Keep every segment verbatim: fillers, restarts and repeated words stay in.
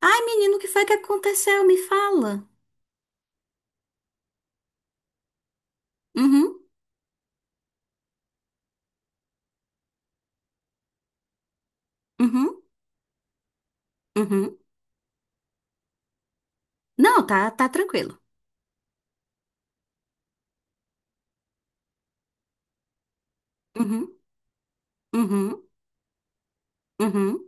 Ai, menino, o que foi que aconteceu? Me fala. Uhum, uhum, uhum. Não, tá, tá tranquilo. Uhum, uhum, uhum.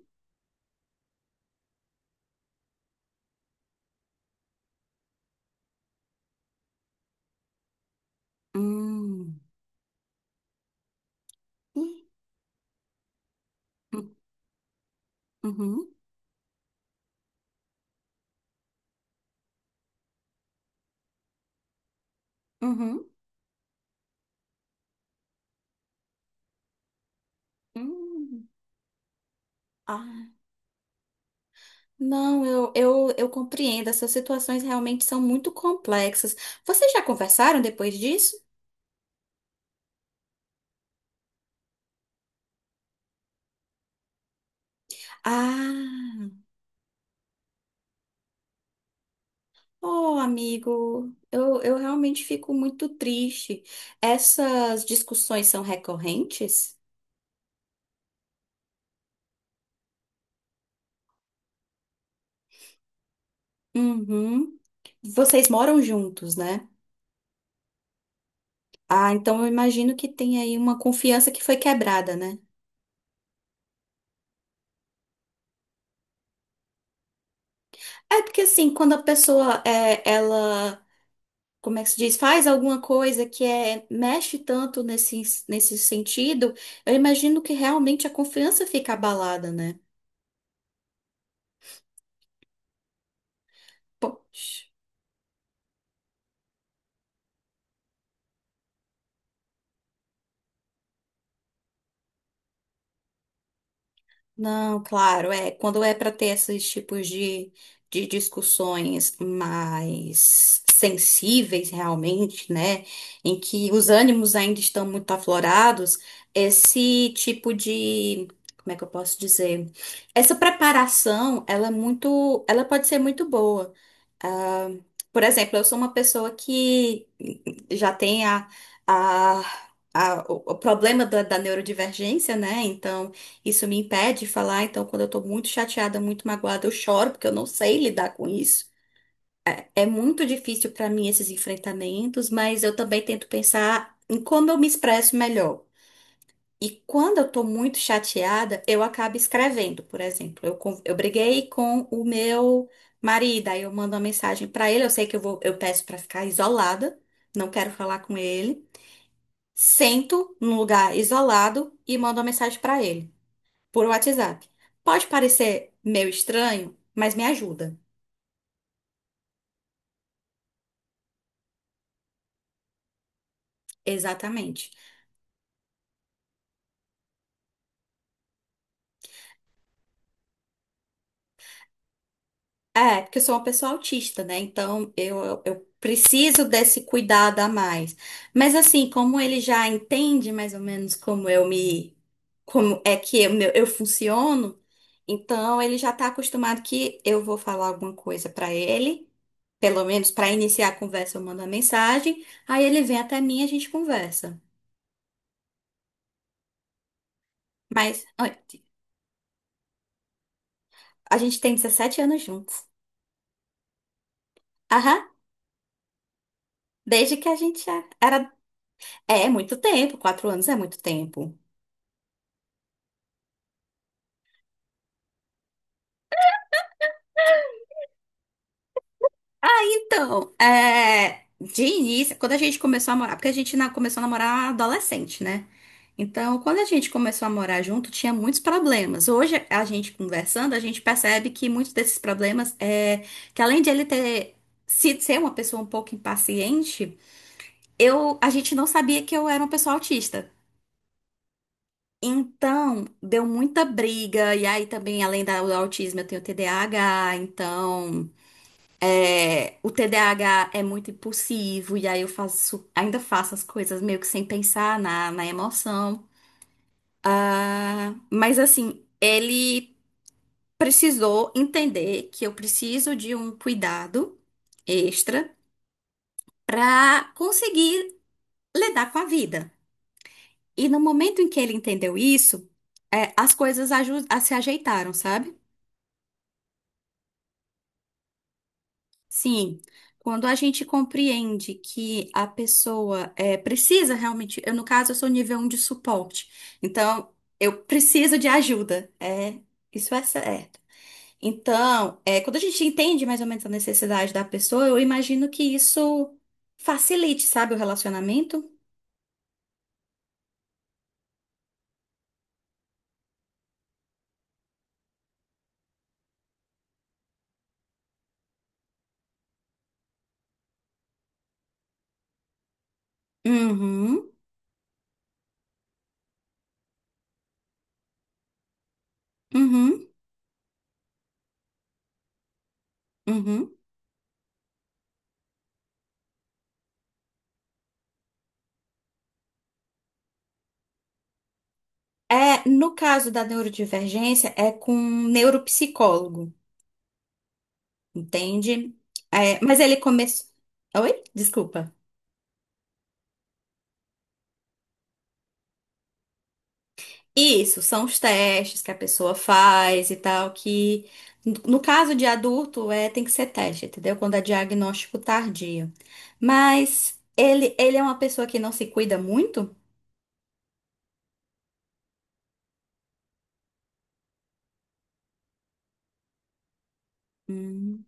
Hum. Ih, hum, Uhum, uhum, hum. Ah, não, eu, eu, eu compreendo. Essas situações realmente são muito complexas. Vocês já conversaram depois disso? Ah, oh, amigo, eu, eu realmente fico muito triste. Essas discussões são recorrentes? Uhum. Vocês moram juntos, né? Ah, então eu imagino que tem aí uma confiança que foi quebrada, né? É porque assim, quando a pessoa é, ela, como é que se diz, faz alguma coisa que é, mexe tanto nesse, nesse sentido, eu imagino que realmente a confiança fica abalada, né? Poxa. Não, claro, é. Quando é para ter esses tipos de, de discussões mais sensíveis, realmente, né? Em que os ânimos ainda estão muito aflorados, esse tipo de. Como é que eu posso dizer? Essa preparação, ela é muito, ela pode ser muito boa. Ah, por exemplo, eu sou uma pessoa que já tem a, a- a- o, o problema da, da neurodivergência, né? Então, isso me impede de falar. Então, quando eu tô muito chateada, muito magoada, eu choro, porque eu não sei lidar com isso. É muito difícil para mim esses enfrentamentos, mas eu também tento pensar em como eu me expresso melhor. E quando eu tô muito chateada, eu acabo escrevendo, por exemplo. Eu, con- eu briguei com o meu marido, aí eu mando uma mensagem pra ele. Eu sei que eu vou, eu peço pra ficar isolada, não quero falar com ele. Sento num lugar isolado e mando uma mensagem pra ele, por WhatsApp. Pode parecer meio estranho, mas me ajuda. Exatamente. É, porque eu sou uma pessoa autista, né? Então eu, eu eu preciso desse cuidado a mais. Mas assim, como ele já entende mais ou menos como eu me, como é que eu, meu- eu funciono, então ele já tá acostumado que eu vou falar alguma coisa pra ele, pelo menos pra iniciar a conversa eu mando a mensagem, aí ele vem até mim e a gente conversa. Mas olha, a gente tem dezessete anos juntos. Aham, desde que a gente era. É, é muito tempo, quatro anos é muito tempo. Ah, então, é, de início, quando a gente começou a morar, porque a gente na- começou a namorar adolescente, né? Então, quando a gente começou a morar junto, tinha muitos problemas. Hoje, a gente conversando, a gente percebe que muitos desses problemas é que além de ele ter sido ser uma pessoa um pouco impaciente, eu, a gente não sabia que eu era uma pessoa autista. Então, deu muita briga, e aí também, além da- do autismo, eu tenho T D A H, então. É, o T D A H é muito impulsivo, e aí eu faço, ainda faço as coisas meio que sem pensar na, na emoção. Ah, mas assim, ele precisou entender que eu preciso de um cuidado extra para conseguir lidar com a vida. E no momento em que ele entendeu isso, é, as coisas aju- a- se ajeitaram, sabe? Sim, quando a gente compreende que a pessoa é, precisa realmente, eu no caso eu sou nível um de suporte, então eu preciso de ajuda, é, isso é certo. Então, é, quando a gente entende mais ou menos a necessidade da pessoa, eu imagino que isso facilite, sabe, o relacionamento. Uhum, uhum, uhum. É, no caso da neurodivergência, é com um neuropsicólogo, entende? É, mas ele começou. Oi? Desculpa. Isso, são os testes que a pessoa faz e tal, que no caso de adulto é, tem que ser teste, entendeu? Quando é diagnóstico tardio. Mas ele, ele é uma pessoa que não se cuida muito? Hum,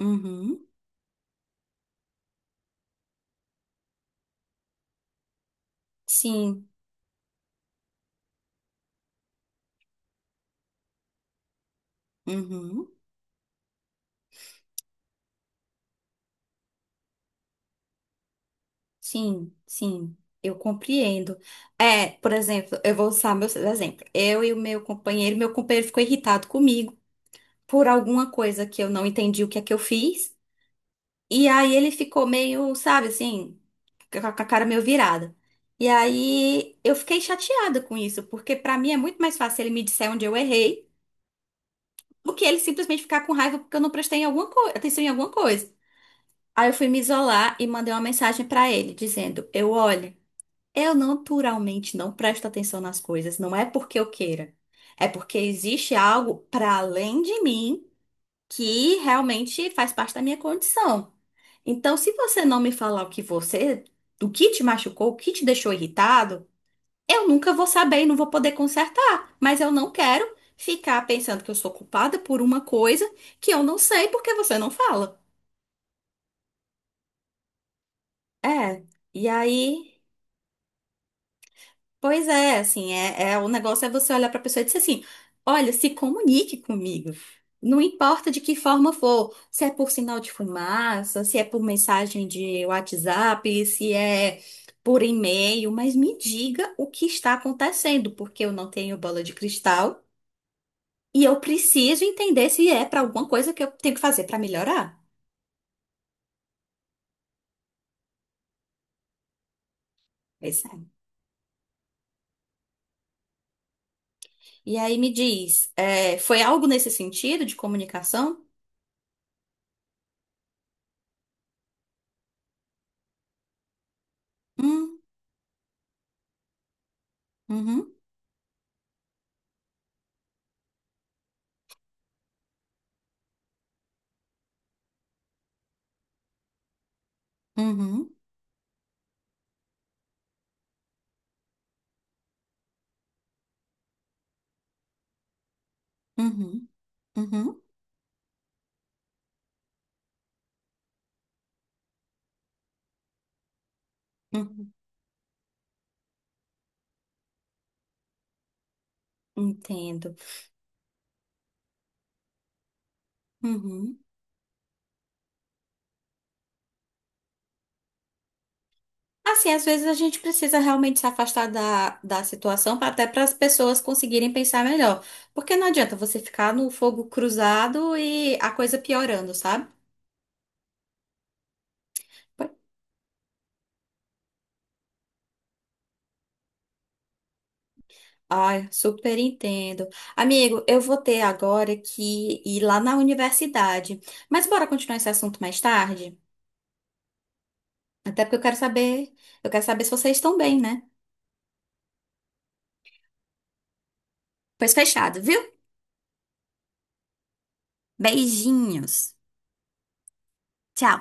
uhum, sim, uhum, sim, sim, eu compreendo. É, por exemplo, eu vou usar meu exemplo. Eu e o meu companheiro, meu companheiro ficou irritado comigo por alguma coisa que eu não entendi o que é que eu fiz. E aí ele ficou meio, sabe, assim, com a com a cara meio virada. E aí eu fiquei chateada com isso, porque pra mim é muito mais fácil ele me disser onde eu errei do que ele simplesmente ficar com raiva porque eu não prestei em alguma coi- atenção em alguma coisa. Aí eu fui me isolar e mandei uma mensagem pra ele dizendo: "Eu olha, eu naturalmente não presto atenção nas coisas, não é porque eu queira. É porque existe algo pra além de mim que realmente faz parte da minha condição. Então, se você não me falar o que você, do que te machucou, o que te deixou irritado, eu nunca vou saber e não vou poder consertar. Mas eu não quero ficar pensando que eu sou culpada por uma coisa que eu não sei porque você não fala. É. E aí. Pois é, assim, é, é- o negócio é você olhar para a pessoa e dizer assim: olha, se comunique comigo. Não importa de que forma for, se é por sinal de fumaça, se é por mensagem de WhatsApp, se é por e-mail, mas me diga o que está acontecendo, porque eu não tenho bola de cristal e eu preciso entender se é para alguma coisa que eu tenho que fazer para melhorar. Pois é. E aí me diz, é, foi algo nesse sentido de comunicação? Hum, uhum, uhum, uhum. Uhum, uhum, entendo. Uhum. Assim, às vezes a gente precisa realmente se afastar da, da situação pra- até para as pessoas conseguirem pensar melhor. Porque não adianta você ficar no fogo cruzado e a coisa piorando, sabe? Ai, super entendo. Amigo, eu vou ter agora que ir lá na universidade. Mas bora continuar esse assunto mais tarde? Até porque eu quero saber, eu quero saber se vocês estão bem, né? Pois fechado, viu? Beijinhos. Tchau.